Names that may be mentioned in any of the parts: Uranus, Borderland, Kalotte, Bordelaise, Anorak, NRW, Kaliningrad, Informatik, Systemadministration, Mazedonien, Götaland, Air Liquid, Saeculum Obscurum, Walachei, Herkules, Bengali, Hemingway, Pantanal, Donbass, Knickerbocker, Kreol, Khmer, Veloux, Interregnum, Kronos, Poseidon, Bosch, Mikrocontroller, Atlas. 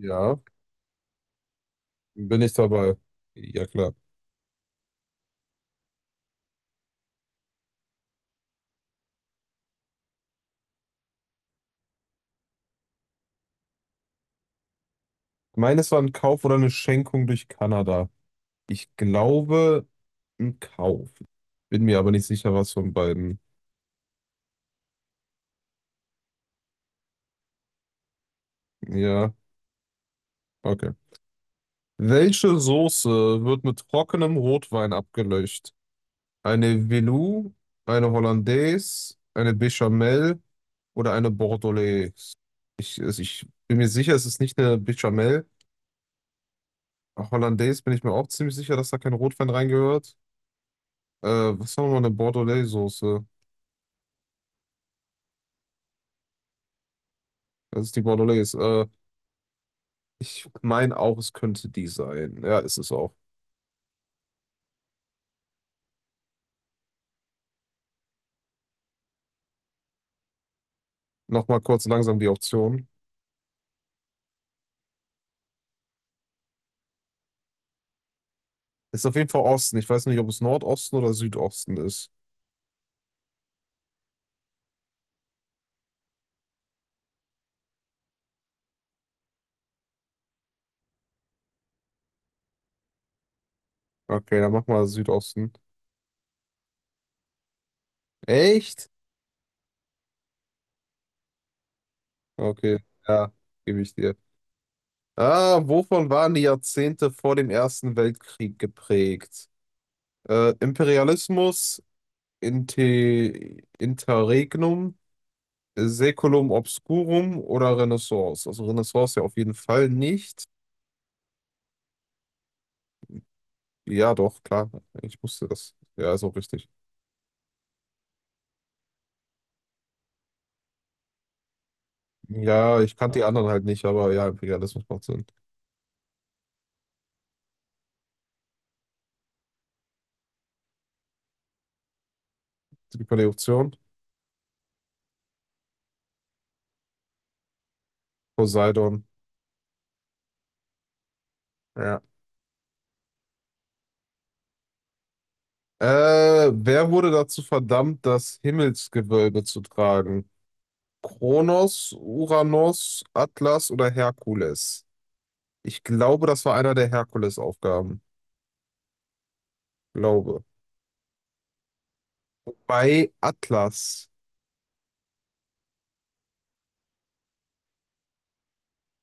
Ja, bin ich dabei. Ja, klar. Meines war ein Kauf oder eine Schenkung durch Kanada. Ich glaube, ein Kauf. Bin mir aber nicht sicher, was von beiden. Ja, okay. Welche Soße wird mit trockenem Rotwein abgelöscht? Eine Veloux, eine Hollandaise, eine Béchamel oder eine Bordelaise? Also ich bin mir sicher, es ist nicht eine Béchamel. Hollandaise bin ich mir auch ziemlich sicher, dass da kein Rotwein reingehört. Was war nochmal eine Bordelaise-Soße? Das ist die Bordelaise. Ich meine auch, es könnte die sein. Ja, ist es auch. Nochmal kurz langsam die Option. Ist auf jeden Fall Osten. Ich weiß nicht, ob es Nordosten oder Südosten ist. Okay, dann mach mal Südosten. Echt? Okay, ja, gebe ich dir. Wovon waren die Jahrzehnte vor dem Ersten Weltkrieg geprägt? Imperialismus, Inte Interregnum, Saeculum Obscurum oder Renaissance? Also Renaissance ja auf jeden Fall nicht. Ja, doch, klar. Ich wusste das. Ja, ist auch richtig. Ja, ich kannte die anderen halt nicht, aber ja, ja, das macht Sinn. Gib mal die Option. Poseidon. Ja. Wer wurde dazu verdammt, das Himmelsgewölbe zu tragen? Kronos, Uranus, Atlas oder Herkules? Ich glaube, das war einer der Hercules-Aufgaben. Glaube. Bei Atlas.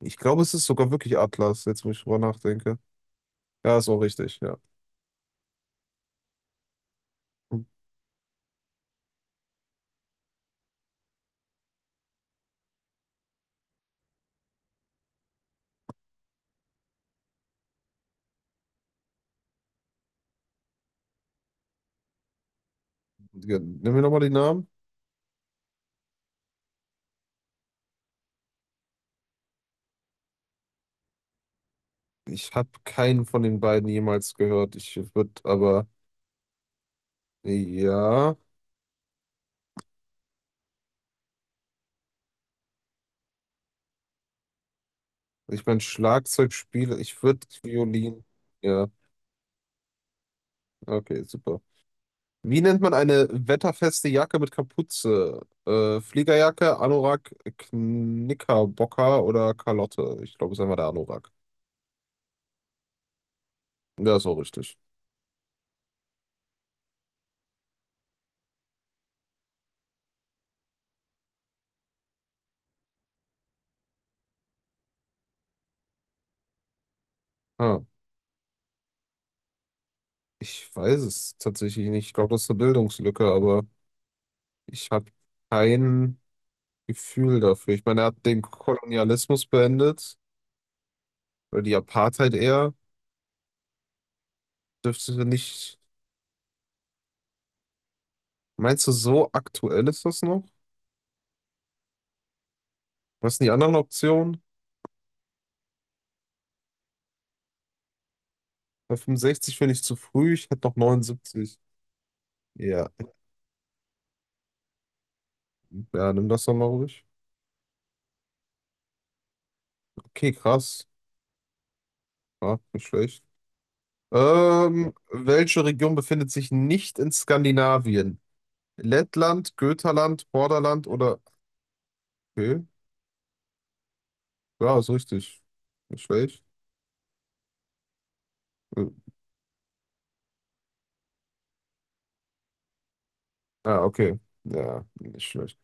Ich glaube, es ist sogar wirklich Atlas, jetzt wo ich drüber nachdenke. Ja, ist auch richtig, ja. Ja, nimm mir nochmal die Namen. Ich habe keinen von den beiden jemals gehört. Ja, ich meine, Schlagzeugspieler, ich würde Violin. Ja, okay, super. Wie nennt man eine wetterfeste Jacke mit Kapuze? Fliegerjacke, Anorak, Knickerbocker oder Kalotte? Ich glaube, es ist einfach der Anorak. Ja, ist auch richtig. Ah, Ich weiß es tatsächlich nicht. Ich glaube, das ist eine Bildungslücke, aber. Ich habe kein Gefühl dafür. Ich meine, er hat den Kolonialismus beendet, oder die Apartheid eher. Dürfte nicht. Meinst du, so aktuell ist das noch? Was sind die anderen Optionen? Bei 65 finde ich zu früh, ich hätte noch neunundsiebzig. Ja, ja, nimm das doch mal ruhig. Okay, krass. Ja, nicht schlecht. Welche Region befindet sich nicht in Skandinavien? Lettland, Götaland, Borderland oder. Okay, ja, ist richtig. Nicht schlecht. Äh, Ah, okay. Ja, nicht schlecht.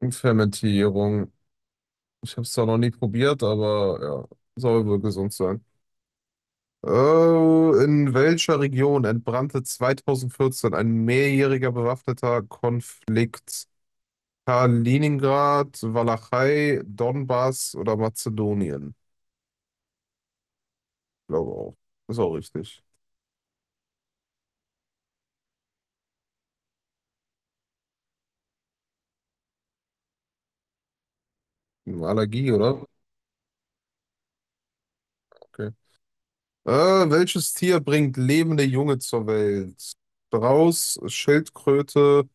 Und Fermentierung. Ich habe es zwar noch nie probiert, aber ja, soll wohl gesund sein. In welcher Region entbrannte 2014 ein mehrjähriger bewaffneter Konflikt? Kaliningrad, Walachei, Donbass oder Mazedonien? Glaube auch. Ist auch richtig. Eine Allergie, oder? Okay. Welches Tier bringt lebende Junge zur Welt? Strauß, Schildkröte,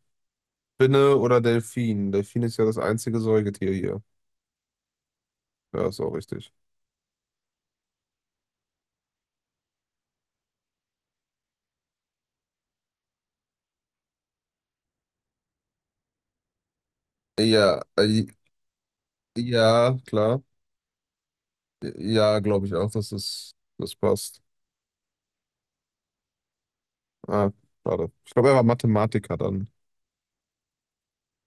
Spinne oder Delfin? Delfin ist ja das einzige Säugetier hier. Ja, ist auch richtig. Ja, ja, klar. Ja, glaube ich auch, dass das passt. Ah, schade. Ich glaube, er war Mathematiker dann,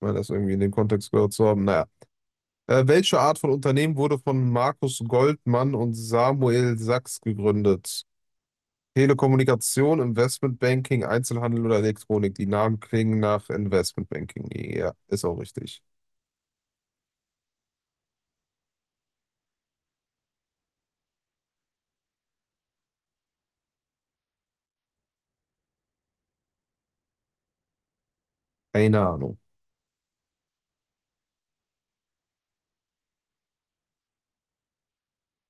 weil das irgendwie in dem Kontext gehört zu haben. Naja. Welche Art von Unternehmen wurde von Markus Goldmann und Samuel Sachs gegründet? Telekommunikation, Investmentbanking, Einzelhandel oder Elektronik? Die Namen klingen nach Investmentbanking. Ja, ist auch richtig. Keine Ahnung.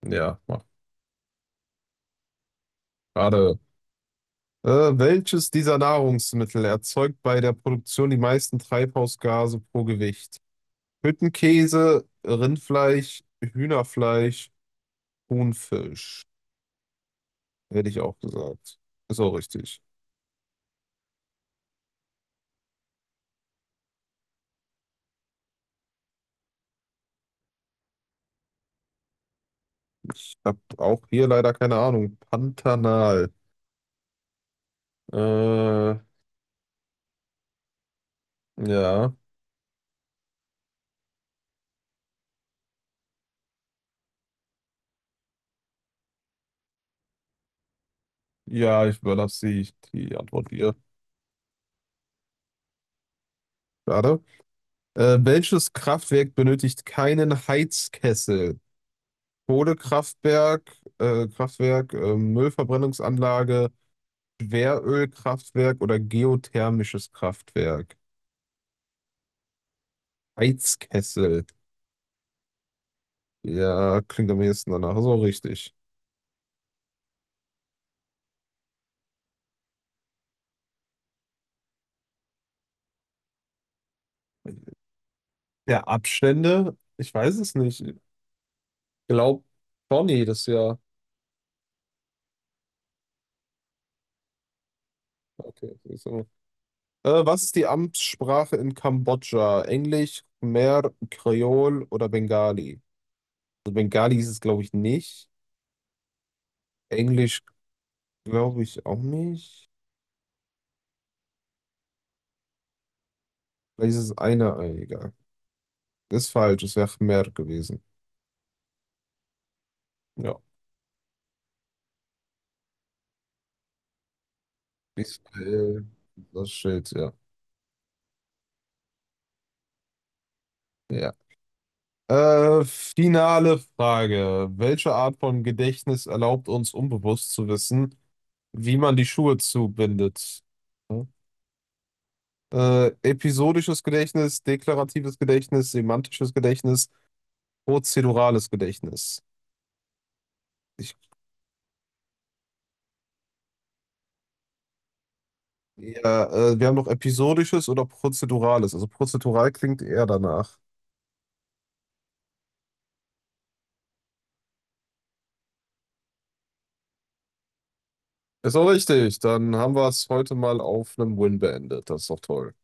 Ja, mach. Gerade. Äh, Welches dieser Nahrungsmittel erzeugt bei der Produktion die meisten Treibhausgase pro Gewicht? Hüttenkäse, Rindfleisch, Hühnerfleisch, Thunfisch. Hätte ich auch gesagt. Ist auch richtig. Ich habe auch hier leider keine Ahnung. Pantanal. Äh, ja. Ja, ich überlasse die Antwort dir. Schade. Welches Kraftwerk benötigt keinen Heizkessel? Kohlekraftwerk, Kraftwerk, Müllverbrennungsanlage, Schwerölkraftwerk oder geothermisches Kraftwerk. Heizkessel. Ja, klingt am ehesten danach. So richtig. Der Abstände? Ich weiß es nicht. Ich glaube schon jedes Jahr. Okay, so. Was ist die Amtssprache in Kambodscha? Englisch, Khmer, Kreol oder Bengali? Also Bengali ist es, glaube ich, nicht. Englisch, glaube ich, auch nicht. Vielleicht ist es eine Ei, egal. Ist falsch, es wäre mehr gewesen. Ja. Israel, das Schild, ja. Ja. Finale Frage. Welche Art von Gedächtnis erlaubt uns, unbewusst zu wissen, wie man die Schuhe zubindet? Ja. Episodisches Gedächtnis, deklaratives Gedächtnis, semantisches Gedächtnis, prozedurales Gedächtnis. Ich, ja, wir haben noch episodisches oder prozedurales. Also prozedural klingt eher danach. Ist auch richtig. Dann haben wir es heute mal auf einem Win beendet. Das ist doch toll.